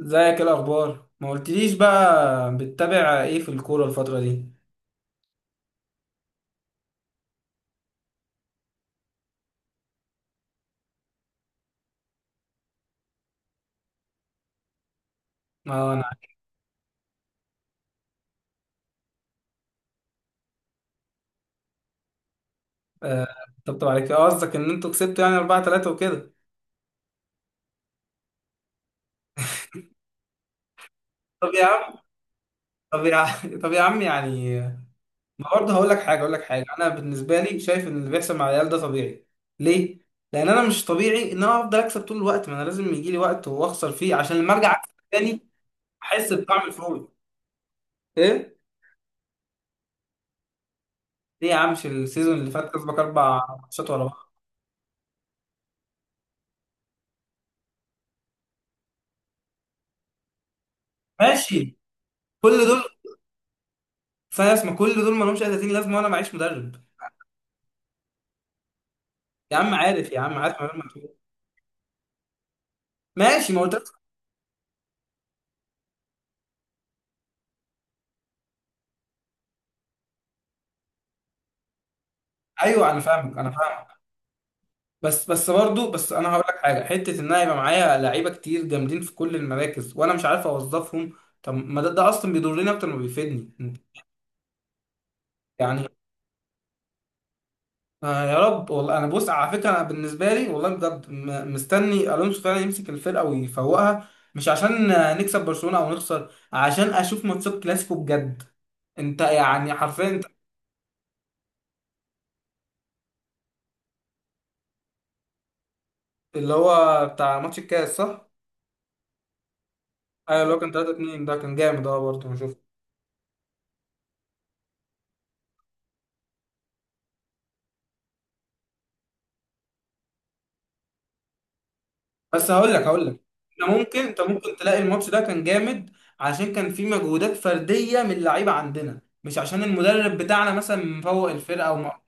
ازيك؟ ايه الاخبار؟ ما قلتليش بقى، بتتابع ايه في الكوره الفتره دي؟ اه انا. آه، طبطب عليك اه، قصدك ان انتوا كسبتوا يعني 4-3 وكده. طب يا عم، طب يا عم، طب يا عم يعني. ما برضه هقول لك حاجه، انا بالنسبه لي شايف ان اللي بيحصل مع العيال ده طبيعي. ليه؟ لان انا مش طبيعي ان انا افضل اكسب طول الوقت، ما انا لازم يجي لي وقت واخسر فيه عشان لما ارجع اكسب تاني، احس بطعم الفوز. ايه؟ ليه يا عم، مش السيزون اللي فات كسبك اربع ماتشات ورا بعض؟ ماشي، كل دول؟ فاس ما كل دول ما لهمش اي 30 لازمه وانا معيش مدرب. يا عم عارف، يا عم عارف، ما معتول. ماشي، ما قلت لك. ايوه انا فاهمك، بس برضه انا هقول لك حاجه، حته ان انا يبقى معايا لعيبه كتير جامدين في كل المراكز وانا مش عارف اوظفهم. طب ما ده، ده اصلا بيضرني اكتر ما بيفيدني، يعني. آه يا رب، والله انا بص على فكره، انا بالنسبه لي والله بجد مستني الونسو فعلا يمسك الفرقه ويفوقها، مش عشان آه، نكسب برشلونه او نخسر، عشان اشوف ماتشات كلاسيكو بجد. انت يعني حرفيا. اللي هو بتاع ماتش الكاس صح؟ ايوه اللي هو كان 3-2، ده كان جامد اه، برضه انا شفته. بس هقول لك. انت ممكن تلاقي الماتش ده كان جامد عشان كان فيه مجهودات فرديه من اللعيبه عندنا، مش عشان المدرب بتاعنا مثلا مفوق الفرقه او ما.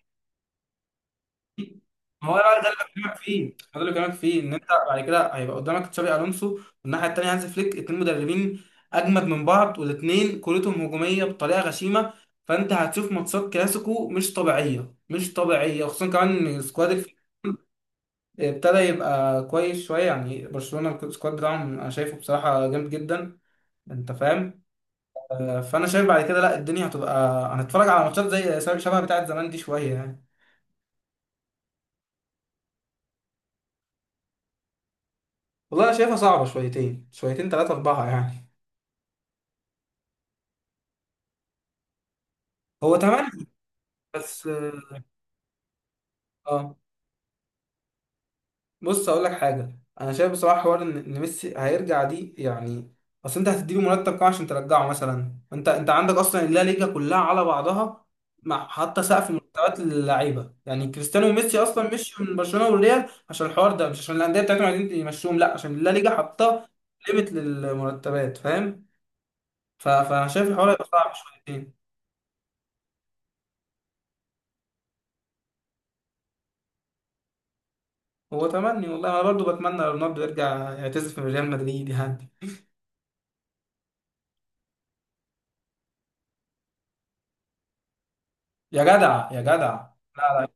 ما هو بقى ده اللي بكلمك فيه، ان انت بعد كده هيبقى قدامك تشابي الونسو والناحيه التانيه هانز فليك، اتنين مدربين اجمد من بعض، والاتنين كورتهم هجوميه بطريقه غشيمه. فانت هتشوف ماتشات كلاسيكو مش طبيعيه، خصوصا كمان إن سكواد الفريق ابتدى يبقى كويس شويه. يعني برشلونه السكواد بتاعهم انا شايفه بصراحه جامد جدا، انت فاهم؟ آه، فانا شايف بعد كده لا، الدنيا هتبقى، هنتفرج على ماتشات زي شبه بتاعه زمان دي شويه يعني. والله انا شايفها صعبه، شويتين شويتين، ثلاثه اربعه يعني. هو تمام بس اه، آه. بص هقول لك حاجه، انا شايف بصراحه حوار ان ميسي هيرجع دي، يعني اصل انت هتديله مرتب كام عشان ترجعه؟ مثلا انت عندك اصلا اللا ليجا كلها على بعضها مع حتى سقف مرتبات للعيبه. يعني كريستيانو وميسي اصلا مشي من برشلونه والريال عشان الحوار ده، مش عشان الانديه بتاعتهم عايزين يمشوهم، لا، عشان اللا ليجا حاطه ليميت للمرتبات، فاهم؟ فانا شايف الحوار هيبقى صعب شويتين. هو تمني، والله انا برضو بتمنى رونالدو يرجع يعتزل في ريال مدريد يعني. يا جدع، يا جدع لا. لا،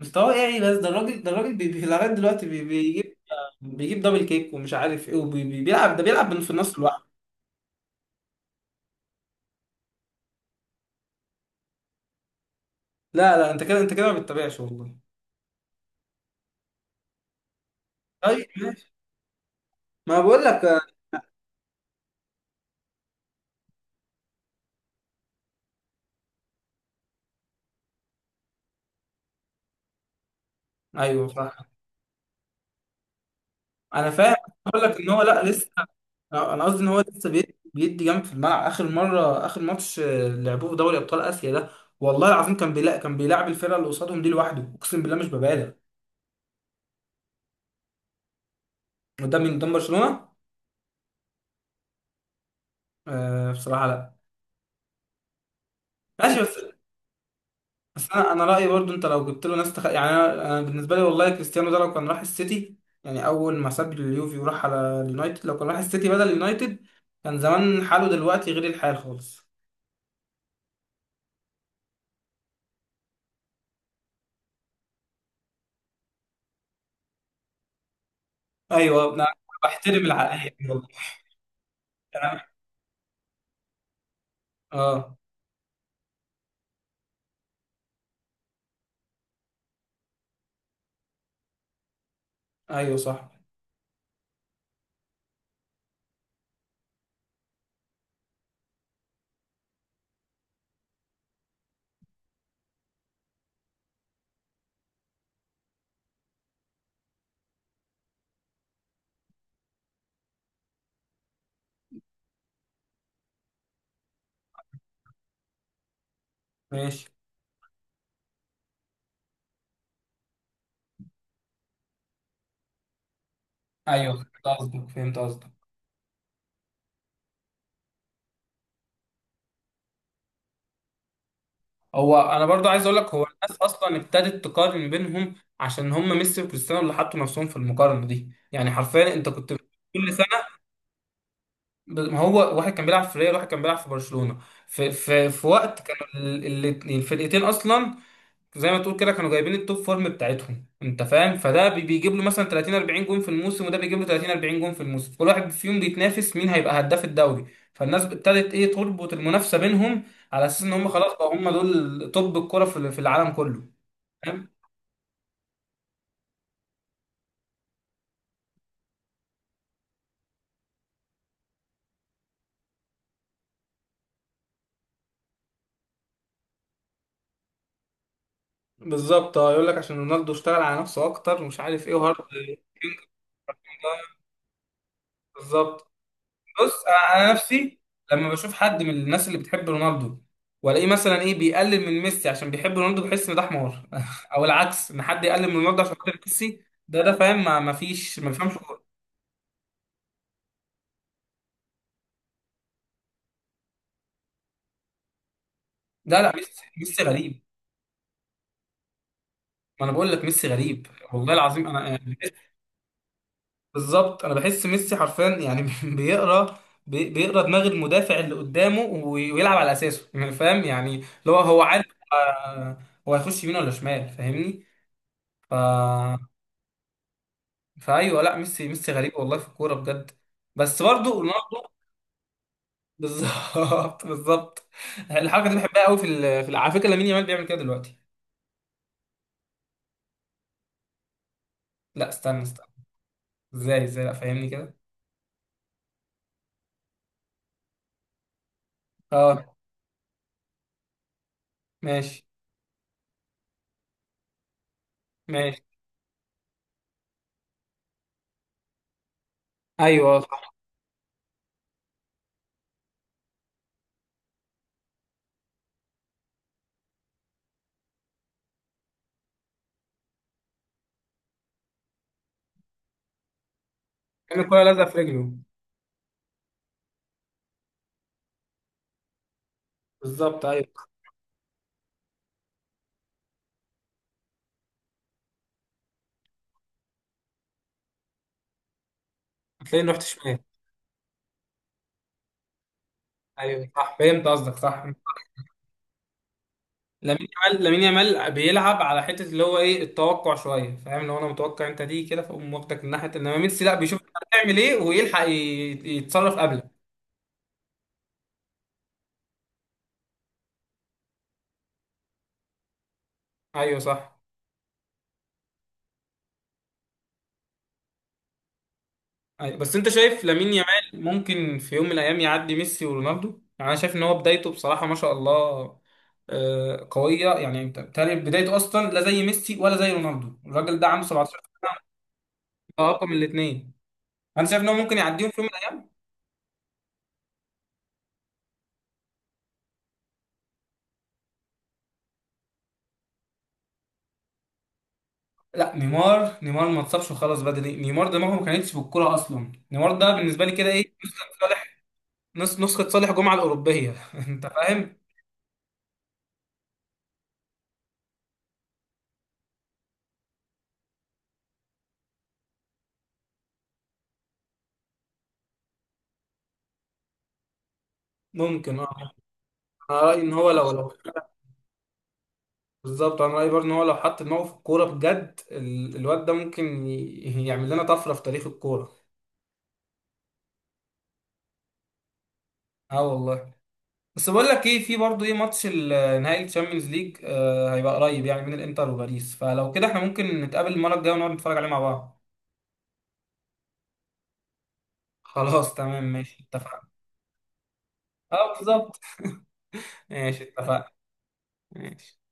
مستواه يعني، بس ده الراجل، ده الراجل لغايه دلوقتي بيجيب، بيجيب دبل كيك ومش عارف ايه، وبيلعب، ده بيلعب من في النص لوحده. لا لا، انت كده، ما بتتابعش والله. طيب ماشي، ما بقول لك آه. ايوه صح، انا فاهم. بقول لك ان هو، لا لسه، انا قصدي ان هو لسه بيدي جنب في الملعب. اخر مره، اخر ماتش آه، لعبوه في دوري ابطال اسيا ده، والله العظيم كان بيلاعب، الفرقه اللي قصادهم دي لوحده، اقسم بالله مش ببالغ. وده من قدام برشلونه. آه بصراحه لا. ماشي بس، بس انا رايي، برضو انت لو جبت له ناس يعني، انا بالنسبه لي والله كريستيانو ده لو كان راح السيتي، يعني اول ما ساب اليوفي وراح على اليونايتد، لو كان راح السيتي بدل اليونايتد، كان زمان حاله دلوقتي غير الحال خالص. ايوه انا بحترم العقليه دي والله. أنا- اه. ايوه صح، ماشي. ايوه فهمت قصدك، هو انا برضو عايز اقول لك، هو الناس اصلا ابتدت تقارن بينهم عشان هم ميسي وكريستيانو اللي حطوا نفسهم في المقارنه دي، يعني حرفيا انت كنت، كل، ما هو واحد كان بيلعب في ريال، واحد كان بيلعب في برشلونة، في وقت كان الفرقتين اصلا زي ما تقول كده كانوا جايبين التوب فورم بتاعتهم، انت فاهم؟ فده بيجيب له مثلا 30 40 جون في الموسم، وده بيجيب له 30 40 جون في الموسم، كل واحد فيهم بيتنافس مين هيبقى هداف الدوري. فالناس ابتدت ايه، تربط المنافسة بينهم على اساس ان هم خلاص بقى، هم دول توب الكرة في في العالم كله، فاهم؟ بالظبط. اه يقول لك عشان رونالدو اشتغل على نفسه اكتر ومش عارف ايه، وهارد. بالظبط. بص، انا نفسي لما بشوف حد من الناس اللي بتحب رونالدو والاقيه مثلا ايه بيقلل من ميسي عشان بيحب رونالدو، بحس ان ده حمار، او العكس، ان حد يقلل من رونالدو عشان خاطر ميسي. ده ده فاهم، ما فيش، ما بيفهمش كوره. لا لا، ميسي ميسي غريب. ما انا بقول لك ميسي غريب، والله العظيم انا يعني بالظبط، انا بحس ميسي حرفيا يعني، بيقرا، بيقرا دماغ المدافع اللي قدامه، ويلعب على اساسه، يعني فاهم، يعني اللي هو، هو عارف آه، هو هيخش يمين ولا شمال، فاهمني؟ ف، فايوه. لا ميسي ميسي غريب والله في الكوره بجد، بس برضه رونالدو. بالظبط، الحركه دي بحبها قوي، في على فكره لامين يامال بيعمل كده دلوقتي. لا استنى استنى. ازاي؟ ازاي؟ لا فاهمني كده. اه، ماشي. ماشي. ايوه آه، صح. كان الكوره لازقه في رجله. بالظبط ايوه. هتلاقيه رحت شمال. ايوه صح، فهمت قصدك صح. لامين يامال، بيلعب على حته اللي هو ايه، التوقع شويه، فاهم؟ لو انا متوقع انت دي كده، فاقوم واخدك من ناحيه، انما ميسي لا، بيشوف انت هتعمل ايه ويلحق يتصرف قبلك. ايوه صح. أيوة، بس انت شايف لامين يامال ممكن في يوم من الايام يعدي ميسي ورونالدو؟ يعني انا شايف ان هو بدايته بصراحه ما شاء الله آه، قويه، يعني انت بتهيألي بدايته اصلا لا زي ميسي ولا زي رونالدو، الراجل ده عنده 17 سنه رقم الاثنين. انا شايف ان هو ممكن يعديهم في يوم من الايام. لا نيمار، نيمار ما اتصابش وخلاص بدري، نيمار دماغه ما كانتش بالكوره اصلا. نيمار ده بالنسبه لي كده ايه، نسخه صالح، نسخه صالح جمعه الاوروبيه، انت فاهم. ممكن اه، انا رايي ان هو لو. بالظبط انا رايي برضه ان هو لو حط دماغه في الكوره بجد الواد ده ممكن يعمل لنا طفره في تاريخ الكوره. اه والله. بس بقول لك ايه، في برضه ايه، ماتش نهائي الشامبيونز ليج آه هيبقى قريب يعني بين الانتر وباريس، فلو كده احنا ممكن نتقابل المره الجايه ونقعد نتفرج عليه مع بعض. خلاص تمام ماشي، اتفقنا. اه بالظبط، ماشي اتفقنا. ماشي.